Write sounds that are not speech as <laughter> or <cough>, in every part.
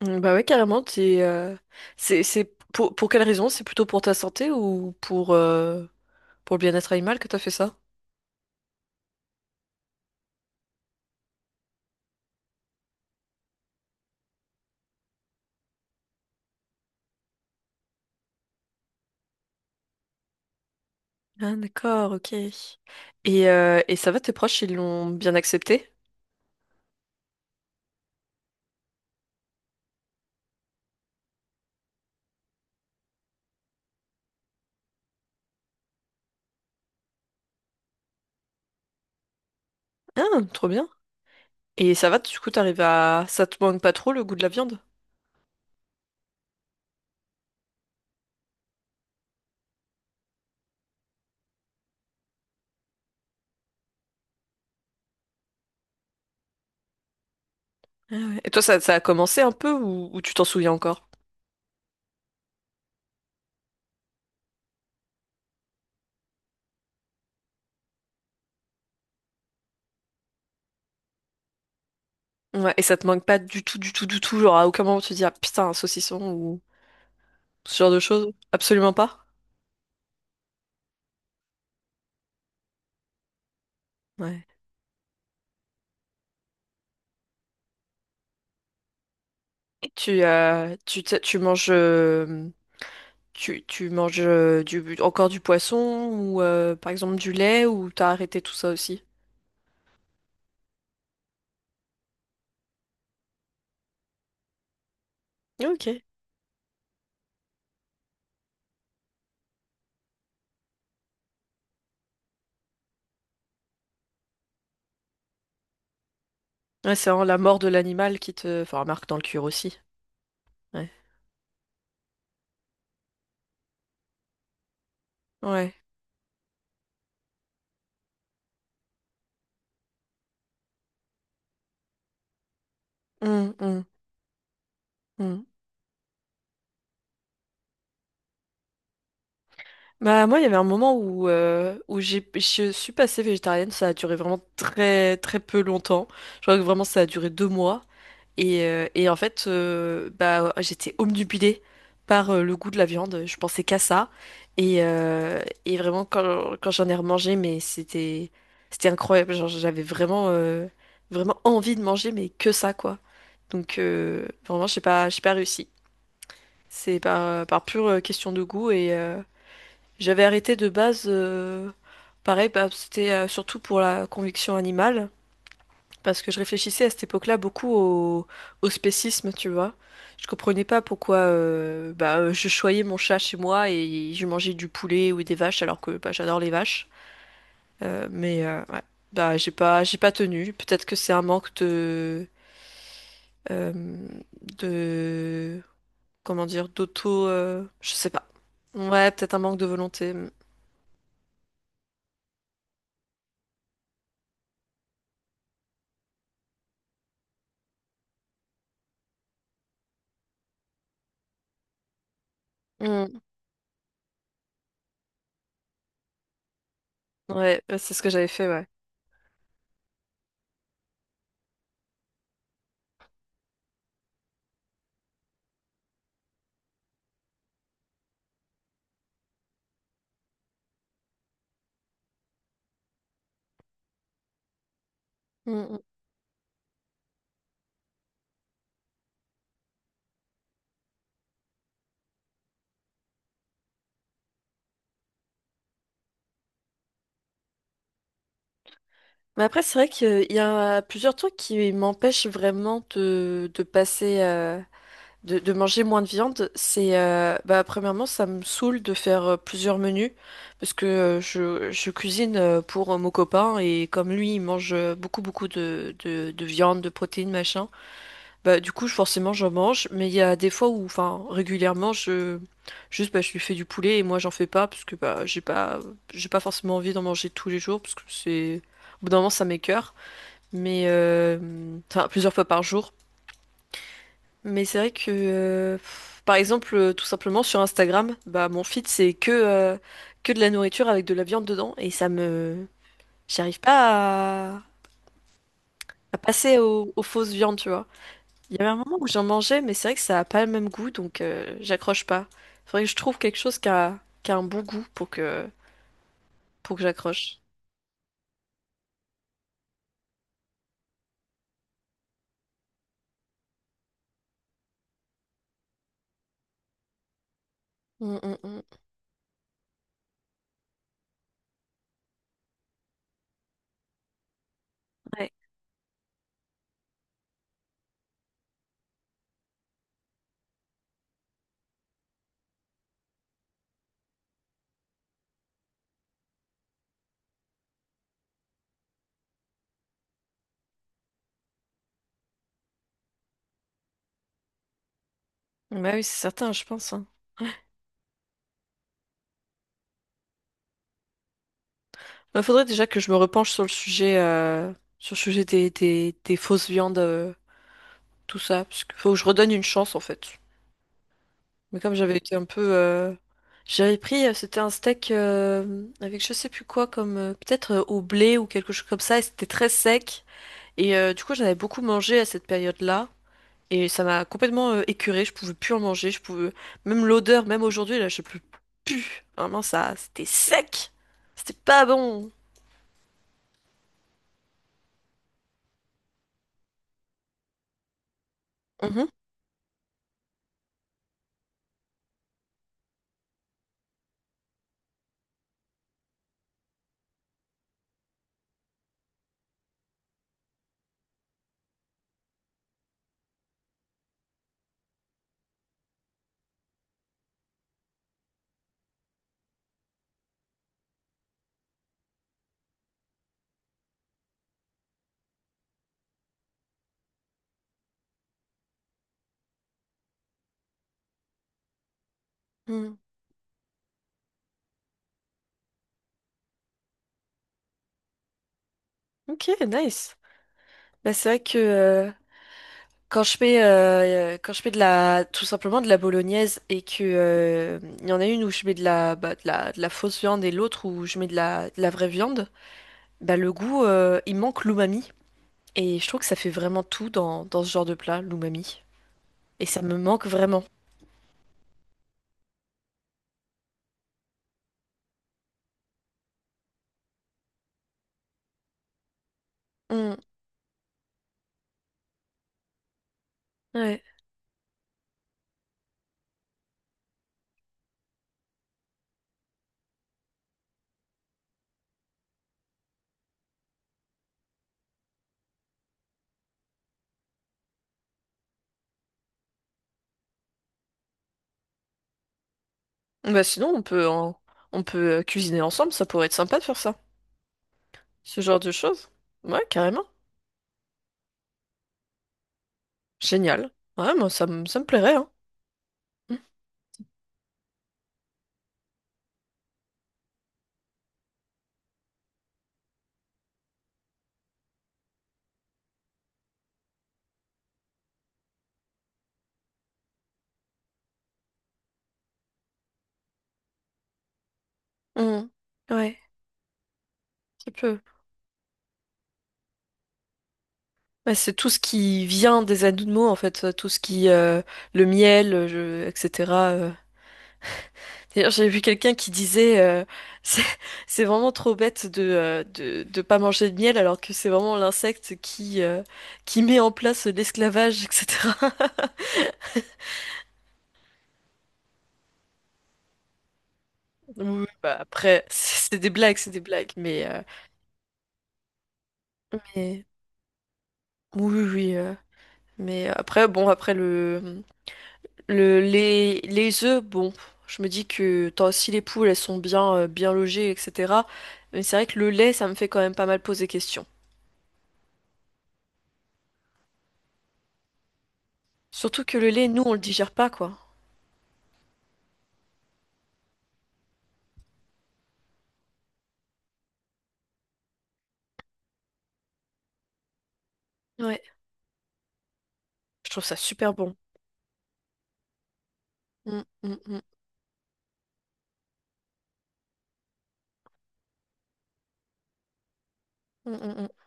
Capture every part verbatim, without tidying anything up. Mm, Bah ouais, carrément, t'es, euh, c'est, c'est pour, pour quelle raison? C'est plutôt pour ta santé ou pour, euh, pour le bien-être animal que t'as fait ça? Ah d'accord, ok. Et, euh, et ça va, tes proches, ils l'ont bien accepté? Ah, trop bien. Et ça va, du coup, t'arrives à... Ça te manque pas trop le goût de la viande? Ah ouais. Et toi, ça, ça a commencé un peu ou, ou tu t'en souviens encore? Ouais, et ça te manque pas du tout, du tout, du tout, genre à aucun moment tu te dis, ah putain, un saucisson ou... Ce genre de choses? Absolument pas. Ouais. Et tu, euh, tu, tu tu manges, euh, tu, tu manges euh, du, encore du poisson ou euh, par exemple du lait ou t'as arrêté tout ça aussi? Ok. Ouais, c'est vraiment la mort de l'animal qui te, enfin, marque dans le cuir aussi. Ouais. Ouais. Hum, hum, hum. Bah moi, il y avait un moment où euh, où j'ai, je suis passée végétarienne. Ça a duré vraiment très très peu longtemps. Je crois que vraiment ça a duré deux mois. Et, euh, et en fait, euh, bah, j'étais obnubilée par euh, le goût de la viande. Je pensais qu'à ça. Et, euh, et vraiment, quand, quand j'en ai remangé, mais c'était, c'était incroyable. Genre, j'avais vraiment, euh, vraiment envie de manger, mais que ça, quoi. Donc, euh, vraiment, j'ai pas, j'ai pas réussi. C'est par, par pure euh, question de goût. Et euh, j'avais arrêté de base. Euh, pareil, bah, c'était euh, surtout pour la conviction animale. Parce que je réfléchissais à cette époque-là beaucoup au, au spécisme, tu vois. Je comprenais pas pourquoi euh, bah, euh, je choyais mon chat chez moi et je mangeais du poulet ou des vaches alors que bah, j'adore les vaches. Euh, mais euh, ouais, bah, j'ai pas, j'ai pas tenu. Peut-être que c'est un manque de, euh, de, comment dire, d'auto, euh, je sais pas. Ouais, peut-être un manque de volonté. Mm. Ouais, c'est ce que j'avais fait, ouais. Mm, mm. Mais après, c'est vrai qu'il y a plusieurs trucs qui m'empêchent vraiment de, de passer, euh, de, de manger moins de viande. C'est, euh, bah, premièrement, ça me saoule de faire euh, plusieurs menus parce que euh, je, je cuisine euh, pour euh, mon copain et comme lui, il mange euh, beaucoup, beaucoup de, de, de viande, de protéines, machin. Bah, du coup, je- forcément, j'en mange, mais il y a des fois où, enfin, régulièrement, je, juste, bah, je lui fais du poulet et moi, j'en fais pas parce que, bah, j'ai pas, j'ai pas forcément envie d'en manger tous les jours parce que c'est, au bout d'un moment, ça m'écœure mais euh, enfin plusieurs fois par jour. Mais c'est vrai que, euh, pff, par exemple, euh, tout simplement sur Instagram, bah mon feed c'est que euh, que de la nourriture avec de la viande dedans et ça me, j'arrive pas à, à passer aux, aux fausses viandes, tu vois. Il y avait un moment où j'en mangeais, mais c'est vrai que ça a pas le même goût, donc euh, j'accroche pas. Faudrait que je trouve quelque chose qui a, qui a un bon goût pour que pour que j'accroche. Mm, mm, mm. Ouais. Bah oui, c'est certain, je pense, hein. Il faudrait déjà que je me repenche sur le sujet, euh, sur le sujet des, des, des fausses viandes, euh, tout ça, parce qu'il faut que je redonne une chance en fait. Mais comme j'avais été un peu, euh, J'avais pris, euh, c'était un steak euh, avec je sais plus quoi, comme euh, peut-être euh, au blé ou quelque chose comme ça, et c'était très sec. Et euh, du coup, j'en avais beaucoup mangé à cette période-là, et ça m'a complètement euh, écœurée. Je pouvais plus en manger, je pouvais même l'odeur, même aujourd'hui là, je peux plus. Vraiment, ça, c'était sec, c'était pas bon. Mhm. Mm. Ok, nice. Bah, c'est vrai que euh, quand je fais euh, quand je fais de la tout simplement de la bolognaise et que euh, il y en a une où je mets de la bah, de la, de la fausse viande et l'autre où je mets de la, de la vraie viande, bah le goût euh, il manque l'umami et je trouve que ça fait vraiment tout dans, dans ce genre de plat, l'umami et ça me manque vraiment. Mm, ouais. Bah sinon on peut en- On peut euh, cuisiner ensemble, ça pourrait être sympa de faire ça. Ce genre de choses. Ouais, carrément. Génial. Ouais, moi ça me ça me plairait hein. Mm. Mm. Ouais, ça peut. Bah, c'est tout ce qui vient des animaux, en fait, tout ce qui, euh, le miel, euh, je- et cetera euh. D'ailleurs, j'ai vu quelqu'un qui disait, euh, <laughs> c'est c'est vraiment trop bête de, euh, de, de pas manger de miel, alors que c'est vraiment l'insecte qui, euh, qui met en place l'esclavage, et cetera <laughs> Oui, oui, bah, après, <laughs> c'est c'est des blagues, c'est des blagues, mais, euh, mais- oui, oui, oui, euh, mais après, bon, après le, Le, les, les œufs, bon, je me dis que tant, si les poules, elles sont bien, euh, bien logées, et cetera. Mais c'est vrai que le lait, ça me fait quand même pas mal poser question. Surtout que le lait, nous, on le digère pas, quoi. Ouais, je trouve ça super bon. Mm, mm, mm, mm, mm, mm.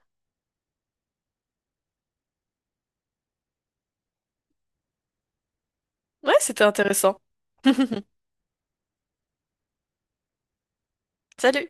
Ouais, c'était intéressant. <laughs> Salut!